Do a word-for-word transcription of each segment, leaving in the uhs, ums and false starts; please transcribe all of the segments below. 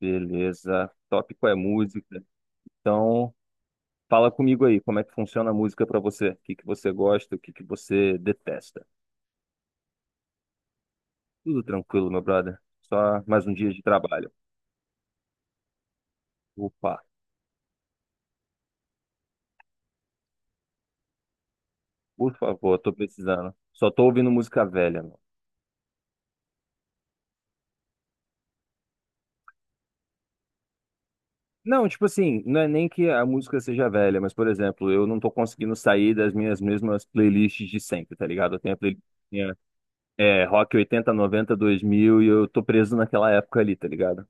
Beleza. Tópico é música. Então, fala comigo aí, como é que funciona a música pra você? O que que você gosta, o que que você detesta? Tudo tranquilo, meu brother. Só mais um dia de trabalho. Opa, por favor, tô precisando. Só tô ouvindo música velha, mano. Não, tipo assim, não é nem que a música seja velha, mas, por exemplo, eu não tô conseguindo sair das minhas mesmas playlists de sempre, tá ligado? Eu tenho a playlist minha, é, Rock oitenta noventa dois mil e eu tô preso naquela época ali, tá ligado?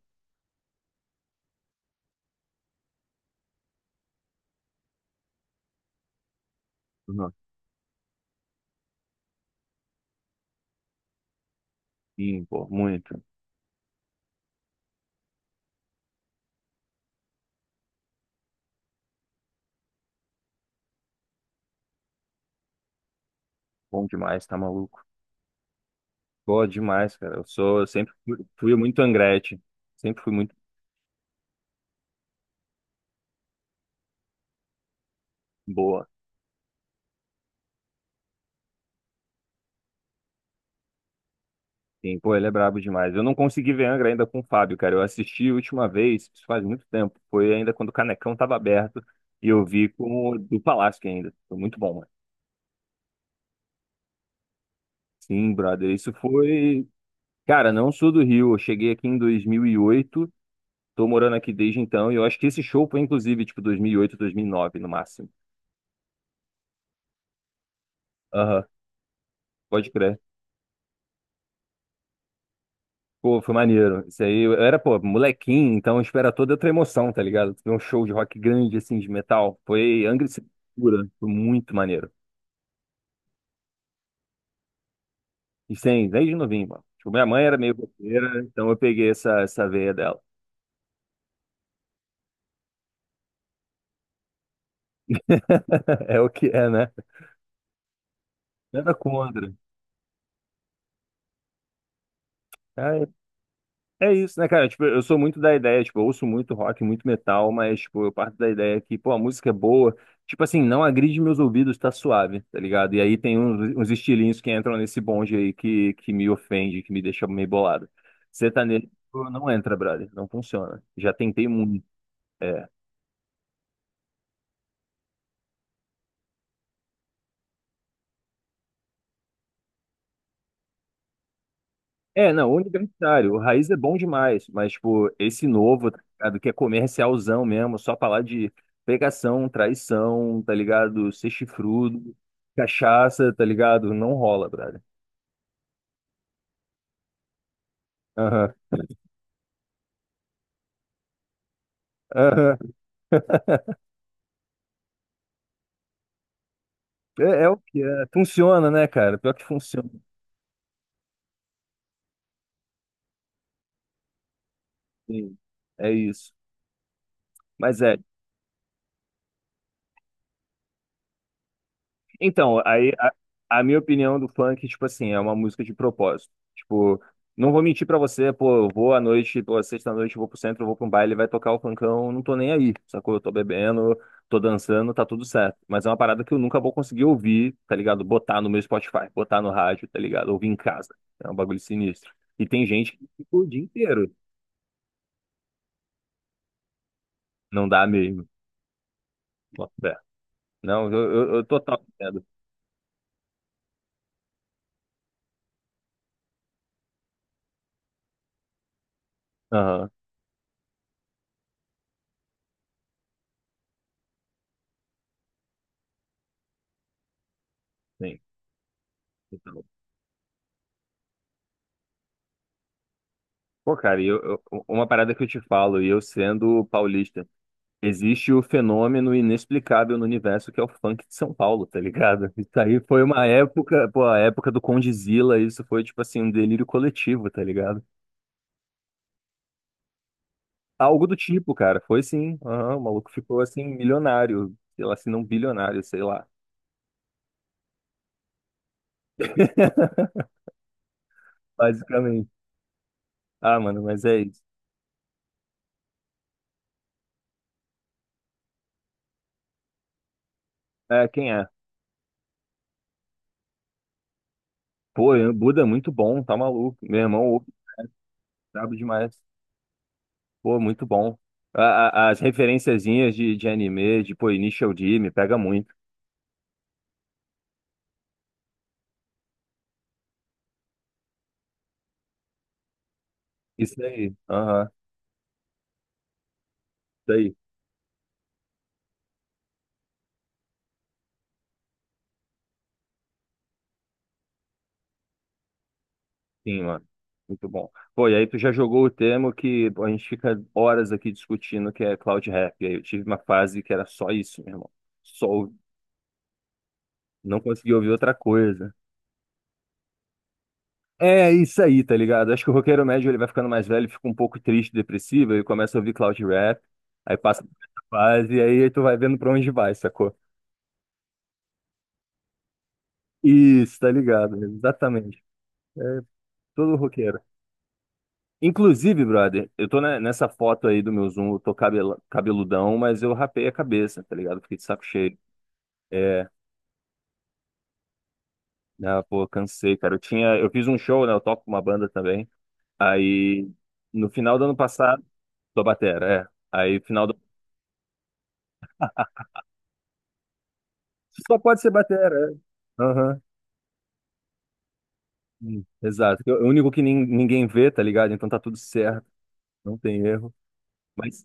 Uhum. Sim, pô, muito. Bom demais, tá maluco. Boa demais, cara. Eu sou, eu sempre fui fui muito Angrete. Sempre fui muito boa. Sim, pô, ele é brabo demais. Eu não consegui ver Angra ainda com o Fábio, cara. Eu assisti a última vez, isso faz muito tempo. Foi ainda quando o Canecão tava aberto e eu vi com o do Palácio ainda. Foi muito bom, mano. Sim, brother. Isso foi. Cara, não sou do Rio. Eu cheguei aqui em dois mil e oito. Tô morando aqui desde então. E eu acho que esse show foi inclusive, tipo, dois mil e oito, dois mil e nove no máximo. Aham, pode crer. Pô, foi maneiro. Isso aí, eu era, pô, molequinho, então espera toda outra emoção, tá ligado? Ver um show de rock grande, assim, de metal. Foi Angry Sepultura. Foi muito maneiro. E sem, desde novinho, mano. Tipo, minha mãe era meio roqueira, então eu peguei essa, essa veia dela. É o que é, né? Nada contra. É isso, né, cara? Tipo, eu sou muito da ideia, tipo, eu ouço muito rock, muito metal, mas, tipo, eu parto da ideia que, pô, a música é boa, tipo assim, não agride meus ouvidos, tá suave, tá ligado? E aí tem uns, uns estilinhos que entram nesse bonde aí que, que me ofende, que me deixa meio bolado. Sertanejo não entra, brother, não funciona. Já tentei muito. É. É, não, universitário. O Raiz é bom demais, mas, tipo, esse novo, tá ligado? Que é comercialzão mesmo, só falar de pegação, traição, tá ligado? Ser chifrudo, cachaça, tá ligado? Não rola, brother. Aham, aham. É, é o que é. Funciona, né, cara? Pior que funciona. Sim, é isso. Mas é, então, aí a, a minha opinião do funk, tipo assim, é uma música de propósito. Tipo, não vou mentir pra você, pô, eu vou à noite, pô, sexta-noite, eu vou pro centro, eu vou pra um baile, vai tocar o funkão, não tô nem aí, sacou? Eu tô bebendo, tô dançando, tá tudo certo. Mas é uma parada que eu nunca vou conseguir ouvir, tá ligado? Botar no meu Spotify, botar no rádio, tá ligado? Ouvir em casa. É um bagulho sinistro. E tem gente que fica o dia inteiro. Não dá mesmo. Bota fé. Não, eu, eu, eu total entendo. Aham, sim. Então. Pô, cara, e eu, eu- uma parada que eu te falo, e eu sendo paulista, existe o fenômeno inexplicável no universo que é o funk de São Paulo, tá ligado? Isso aí foi uma época, pô, a época do Condzilla, isso foi tipo assim, um delírio coletivo, tá ligado? Algo do tipo, cara, foi sim, aham, o maluco ficou assim, milionário, sei lá, se não bilionário, sei lá, basicamente. Ah, mano, mas é isso. É, quem é? Pô, Buda é muito bom, tá maluco, meu irmão, ouve, brabo demais. Pô, muito bom. A- a- as referenciazinhas de, de anime, de, pô, Initial D, me pega muito. Isso aí, aham, isso aí, sim, mano. Muito bom. Pô, e aí tu já jogou o tema que pô, a gente fica horas aqui discutindo, que é Cloud Rap. E aí eu tive uma fase que era só isso, meu irmão. Só o- não consegui ouvir outra coisa. É isso aí, tá ligado? Acho que o roqueiro médio ele vai ficando mais velho, fica um pouco triste, depressivo, aí começa a ouvir Cloud Rap, aí passa por essa fase, e aí tu vai vendo pra onde vai, sacou? Isso, tá ligado? Exatamente. É todo roqueiro. Inclusive, brother, eu tô ne- nessa foto aí do meu Zoom, eu tô cabela- cabeludão, mas eu rapei a cabeça, tá ligado? Fiquei de saco cheio. É, ah, pô, cansei, cara. Eu tinha, eu fiz um show, né? Eu toco com uma banda também. Aí, no final do ano passado, sou batera, é. Aí, final do. Só pode ser batera, é. Aham. Hum, exato. Eu- É o único que nin- ninguém vê, tá ligado? Então tá tudo certo, não tem erro. Mas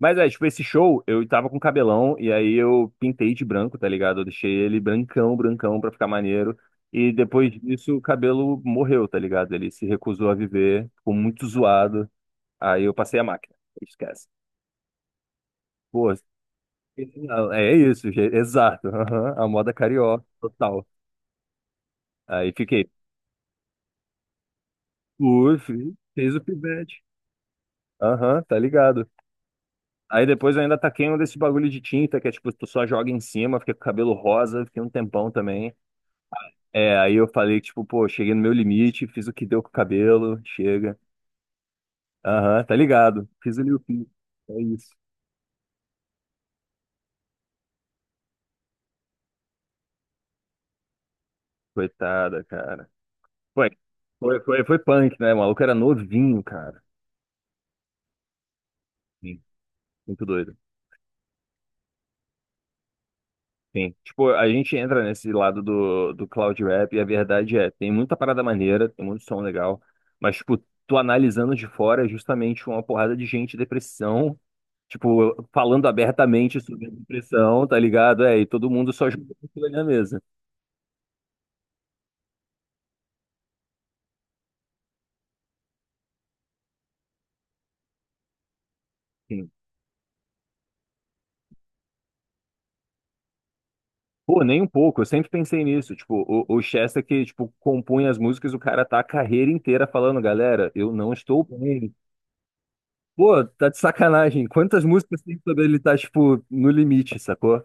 Mas é, tipo, esse show, eu tava com cabelão, e aí eu pintei de branco, tá ligado? Eu deixei ele brancão, brancão, pra ficar maneiro. E depois disso, o cabelo morreu, tá ligado? Ele se recusou a viver, ficou muito zoado. Aí eu passei a máquina. Esquece. Pô, é isso, ge- exato. Aham, a moda carioca, total. Aí fiquei, uf, fez o pivete. Aham, tá ligado. Aí depois eu ainda taquei um desses bagulho de tinta, que é tipo, tu só joga em cima, fica com o cabelo rosa, fiquei um tempão também. É, aí eu falei, tipo, pô, cheguei no meu limite, fiz o que deu com o cabelo, chega. Aham, tá ligado. Fiz o meu fim. É isso. Coitada, cara. Foi, foi, foi, foi punk, né? O maluco era novinho, cara. Sim. Muito doido. Sim. Tipo, a gente entra nesse lado do, do cloud rap e a verdade é, tem muita parada maneira, tem muito som legal, mas, tipo, tu analisando de fora é justamente uma porrada de gente, depressão, tipo, falando abertamente sobre a depressão, tá ligado? É, e todo mundo só jogando aquilo ali na mesa. Sim. Pô, nem um pouco. Eu sempre pensei nisso. Tipo, o, o Chester que, tipo, compunha as músicas, o cara tá a carreira inteira falando, galera, eu não estou bem. Pô, tá de sacanagem. Quantas músicas tem sobre ele tá, tipo, no limite, sacou?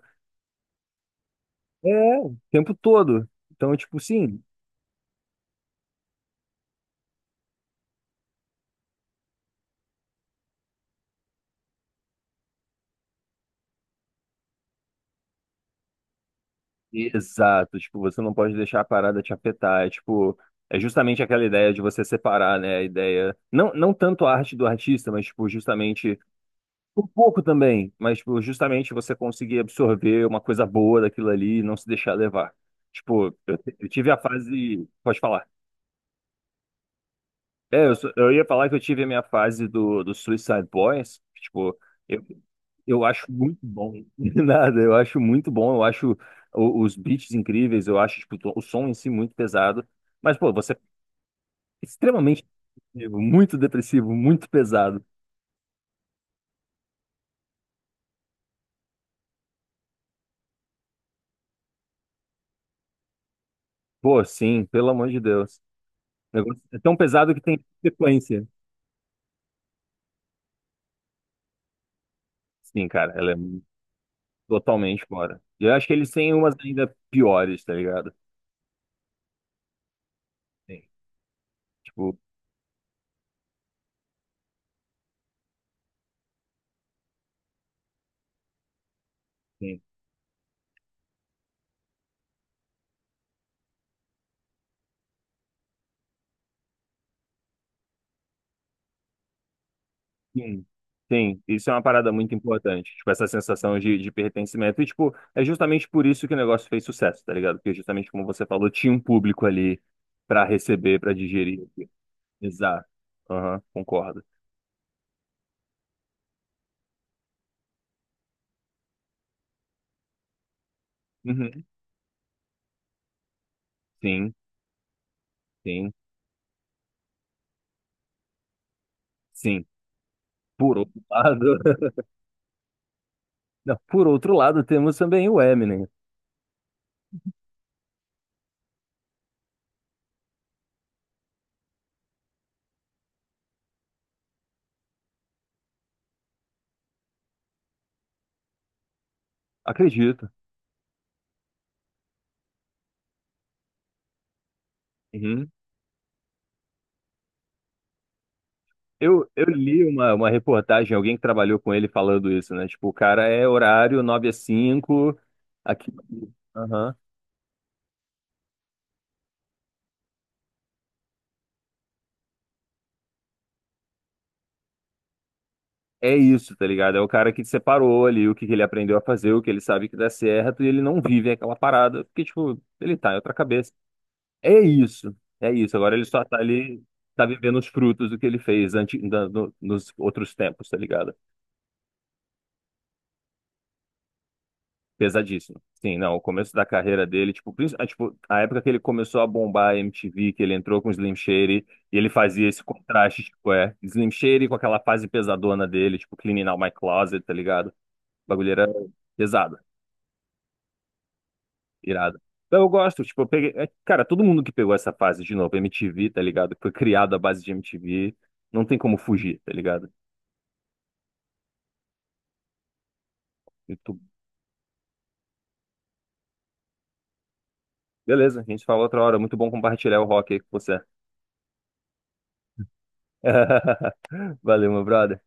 É, o tempo todo. Então, tipo, sim. Exato. Tipo, você não pode deixar a parada te afetar. É, tipo, é justamente aquela ideia de você separar, né? A ideia. Não, não tanto a arte do artista, mas, tipo, justamente. Por pouco também, mas tipo, justamente você conseguir absorver uma coisa boa daquilo ali e não se deixar levar. Tipo, eu, t- eu tive a fase. Pode falar. É, eu, sou- eu ia falar que eu tive a minha fase do, do Suicide Boys. Tipo, eu, eu acho muito bom. Nada, eu acho muito bom. Eu acho o- os beats incríveis. Eu acho tipo, o som em si muito pesado. Mas, pô, você é extremamente depressivo, muito depressivo, muito pesado. Pô, sim, pelo amor de Deus. O negócio é tão pesado que tem sequência. Sim, cara, ela é totalmente fora. E eu acho que eles têm umas ainda piores, tá ligado? Sim. Tipo, sim. Sim, sim. Isso é uma parada muito importante. Tipo, essa sensação de, de pertencimento. E, tipo, é justamente por isso que o negócio fez sucesso, tá ligado? Porque justamente como você falou, tinha um público ali pra receber, pra digerir. Exato. Aham, concordo. Uhum. Sim, sim, sim. Por outro lado, não, por outro lado, temos também o Eminem. Acredito. Uhum. Eu, eu li uma, uma reportagem, alguém que trabalhou com ele falando isso, né? Tipo, o cara é horário nove a cinco aqui. Aham. É isso, tá ligado? É o cara que separou ali o que que ele aprendeu a fazer, o que ele sabe que dá certo, e ele não vive aquela parada, porque, tipo, ele tá em outra cabeça. É isso, é isso. Agora ele só tá ali, tá vivendo os frutos do que ele fez antes, da- no- nos outros tempos, tá ligado? Pesadíssimo. Sim, não, o começo da carreira dele, tipo, princi- ah, tipo, a época que ele começou a bombar a M T V, que ele entrou com o Slim Shady, e ele fazia esse contraste, tipo, é, Slim Shady com aquela fase pesadona dele, tipo, Cleaning Out My Closet, tá ligado? O bagulho era pesado, irado. Então eu gosto, tipo, eu peguei, é, cara, todo mundo que pegou essa fase de novo, M T V, tá ligado? Foi criado à base de M T V, não tem como fugir, tá ligado? E tu- Beleza, a gente fala outra hora, muito bom compartilhar o rock aí com você. Valeu, meu brother.